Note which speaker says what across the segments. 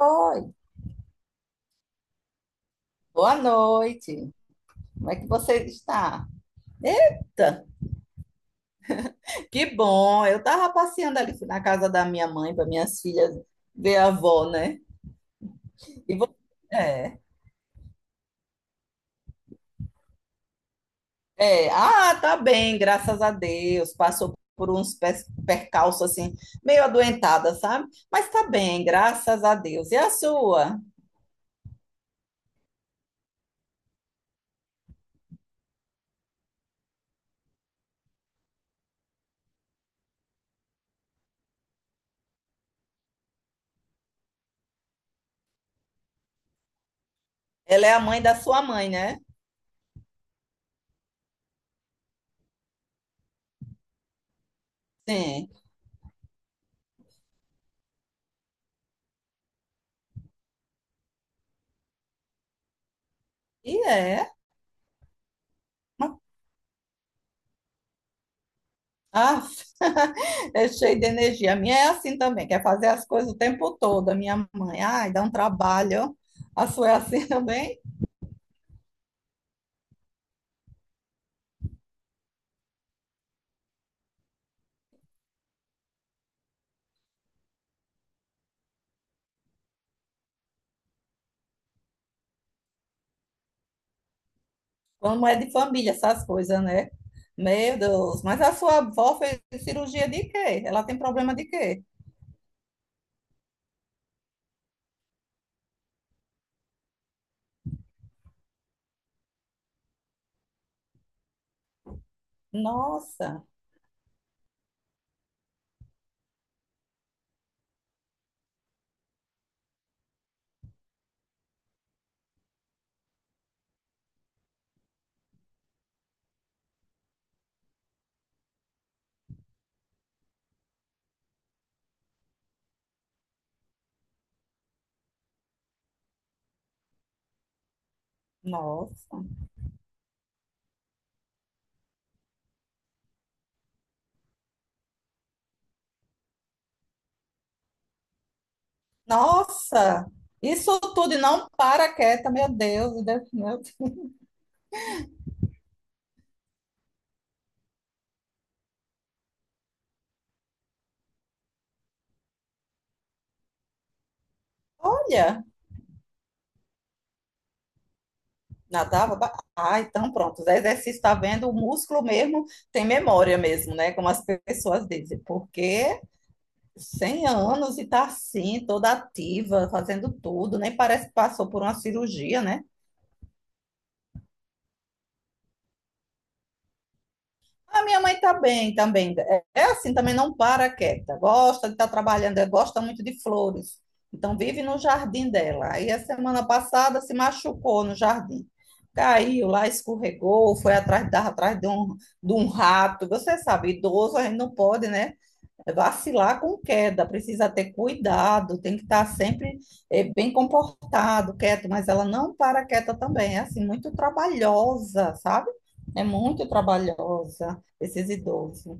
Speaker 1: Oi, boa noite. Como é que você está? Eita, que bom. Eu estava passeando ali na casa da minha mãe para minhas filhas ver a avó, né? E você? É, é. Ah, tá bem, graças a Deus. Passou por uns percalços assim, meio adoentada, sabe? Mas tá bem, graças a Deus. E a sua? Ela é a mãe da sua mãe, né? Sim. E é. Ah, é cheio de energia. A minha é assim também, quer fazer as coisas o tempo todo. A minha mãe, ai, dá um trabalho. A sua é assim também? Como é de família essas coisas, né? Meu Deus, mas a sua avó fez cirurgia de quê? Ela tem problema de quê? Nossa, nossa, nossa. Isso tudo e não para quieta, meu Deus, meu Deus. Olha. Nadava? Ah, então pronto. O exercício está vendo, o músculo mesmo tem memória mesmo, né? Como as pessoas dizem. Porque 100 anos e tá assim, toda ativa, fazendo tudo, nem parece que passou por uma cirurgia, né? A minha mãe tá bem também. É assim, também não para quieta. Gosta de estar trabalhando, gosta muito de flores. Então vive no jardim dela. Aí a semana passada se machucou no jardim. Caiu lá, escorregou, foi atrás, atrás de um rato. Você sabe, idoso a gente não pode, né? É vacilar com queda, precisa ter cuidado, tem que estar sempre bem comportado, quieto, mas ela não para quieta também, é assim, muito trabalhosa, sabe? É muito trabalhosa esses idosos.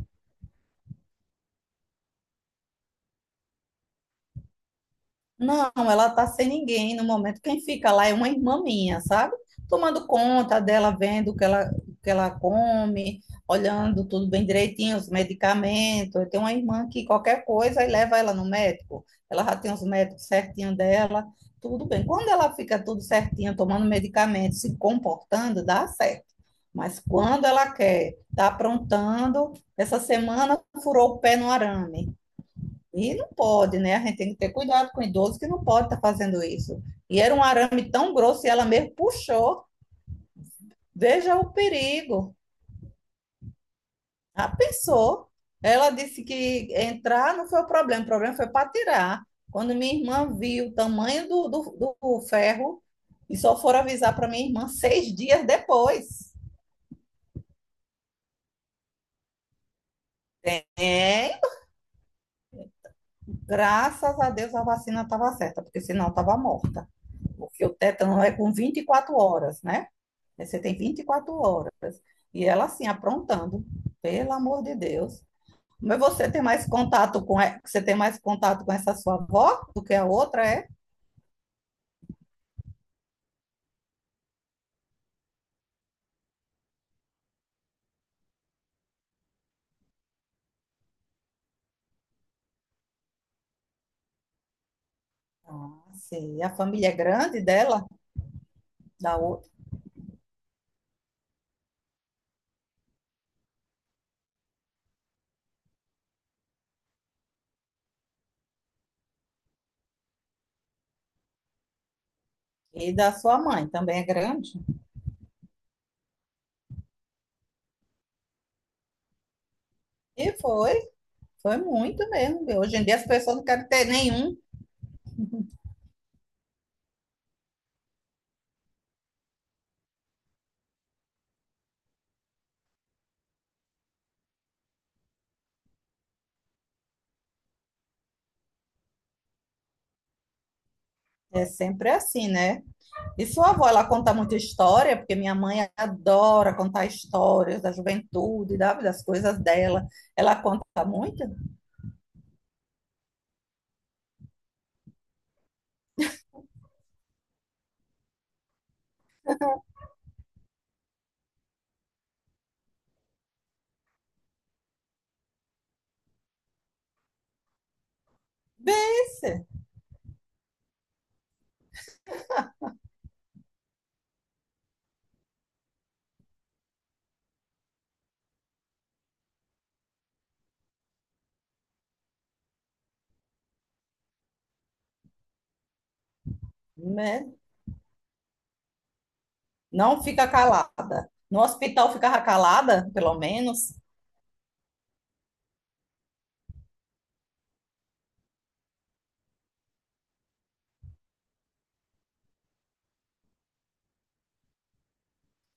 Speaker 1: Não, ela tá sem ninguém no momento. Quem fica lá é uma irmã minha, sabe? Tomando conta dela, vendo o que ela come, olhando tudo bem direitinho, os medicamentos. Eu tenho uma irmã que qualquer coisa e leva ela no médico. Ela já tem os médicos certinho dela, tudo bem. Quando ela fica tudo certinho, tomando medicamento, se comportando, dá certo. Mas quando ela quer, tá aprontando, essa semana furou o pé no arame. E não pode, né? A gente tem que ter cuidado com o idoso que não pode estar fazendo isso. E era um arame tão grosso e ela mesmo puxou. Veja o perigo. Ah, pensou. Ela disse que entrar não foi o problema foi para tirar. Quando minha irmã viu o tamanho do ferro, e só foram avisar para minha irmã 6 dias depois. É, graças a Deus a vacina estava certa, porque senão estava morta. Porque o tétano é com 24 horas, né? É, você tem 24 horas. E ela, assim, aprontando, pelo amor de Deus. Mas você tem mais contato com essa sua avó do que a outra, é? Ah, sei. A família é grande dela, da outra, e da sua mãe também é grande. E foi, muito mesmo. Hoje em dia as pessoas não querem ter nenhum. É sempre assim, né? E sua avó, ela conta muita história, porque minha mãe adora contar histórias da juventude, das coisas dela. Ela conta muito? Vence, né? Não fica calada. No hospital ficava calada, pelo menos.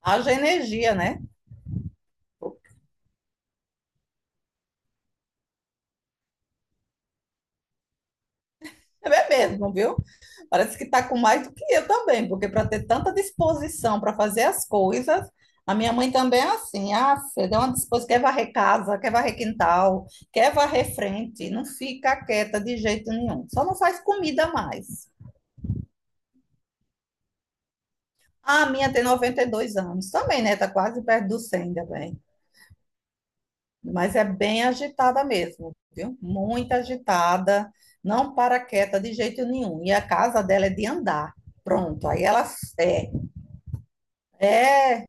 Speaker 1: Haja energia, né? É mesmo, viu? Parece que tá com mais do que eu também, porque para ter tanta disposição para fazer as coisas, a minha mãe também é assim, ah, você deu uma disposição, quer varrer casa, quer varrer quintal, quer varrer frente, não fica quieta de jeito nenhum, só não faz comida mais. Ah, a minha tem 92 anos também, né? Tá quase perto do 100 também. Mas é bem agitada mesmo, viu? Muito agitada, não para quieta de jeito nenhum. E a casa dela é de andar. Pronto, aí ela é, é,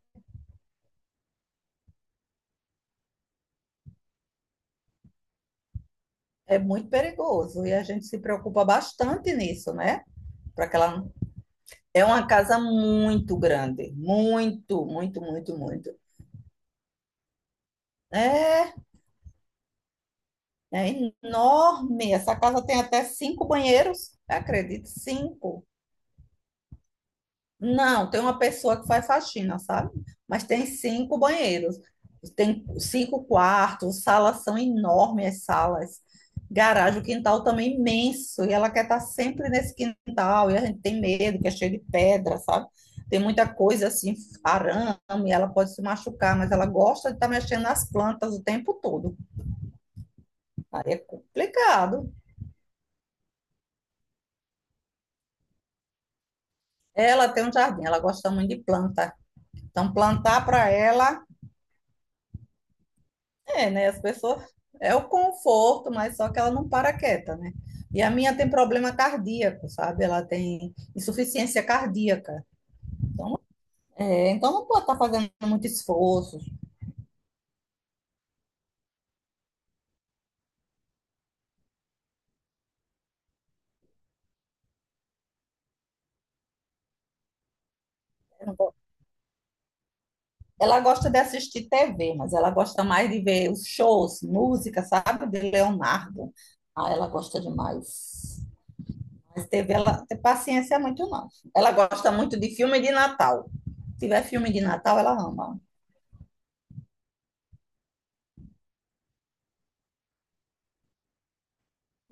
Speaker 1: é muito perigoso e a gente se preocupa bastante nisso, né? Para que ela é uma casa muito grande, muito, muito, muito, muito. É, é enorme. Essa casa tem até cinco banheiros, acredito, cinco. Não, tem uma pessoa que faz faxina, sabe? Mas tem cinco banheiros, tem cinco quartos, salas são enormes, as salas. Garagem, o quintal também é imenso, e ela quer estar sempre nesse quintal, e a gente tem medo, que é cheio de pedra, sabe? Tem muita coisa assim, arame, ela pode se machucar, mas ela gosta de estar mexendo nas plantas o tempo todo. Aí é complicado. Ela tem um jardim, ela gosta muito de planta. Então, plantar para ela é, né? As pessoas. É o conforto, mas só que ela não para quieta, né? E a minha tem problema cardíaco, sabe? Ela tem insuficiência cardíaca. Então, é, então não pode estar fazendo muito esforço. Não pode- Ela gosta de assistir TV, mas ela gosta mais de ver os shows, música, sabe? De Leonardo. Ah, ela gosta demais. Mas TV, ela tem paciência é muito não. Ela gosta muito de filme de Natal. Se tiver filme de Natal, ela ama.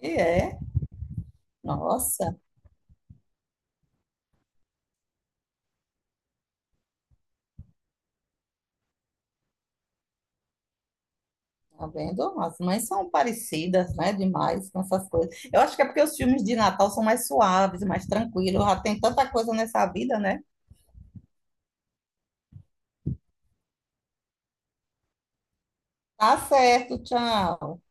Speaker 1: E é. Nossa. Tá vendo? As mães são parecidas, né? Demais com essas coisas. Eu acho que é porque os filmes de Natal são mais suaves, mais tranquilos. Já tem tanta coisa nessa vida, né? Tá certo, tchau.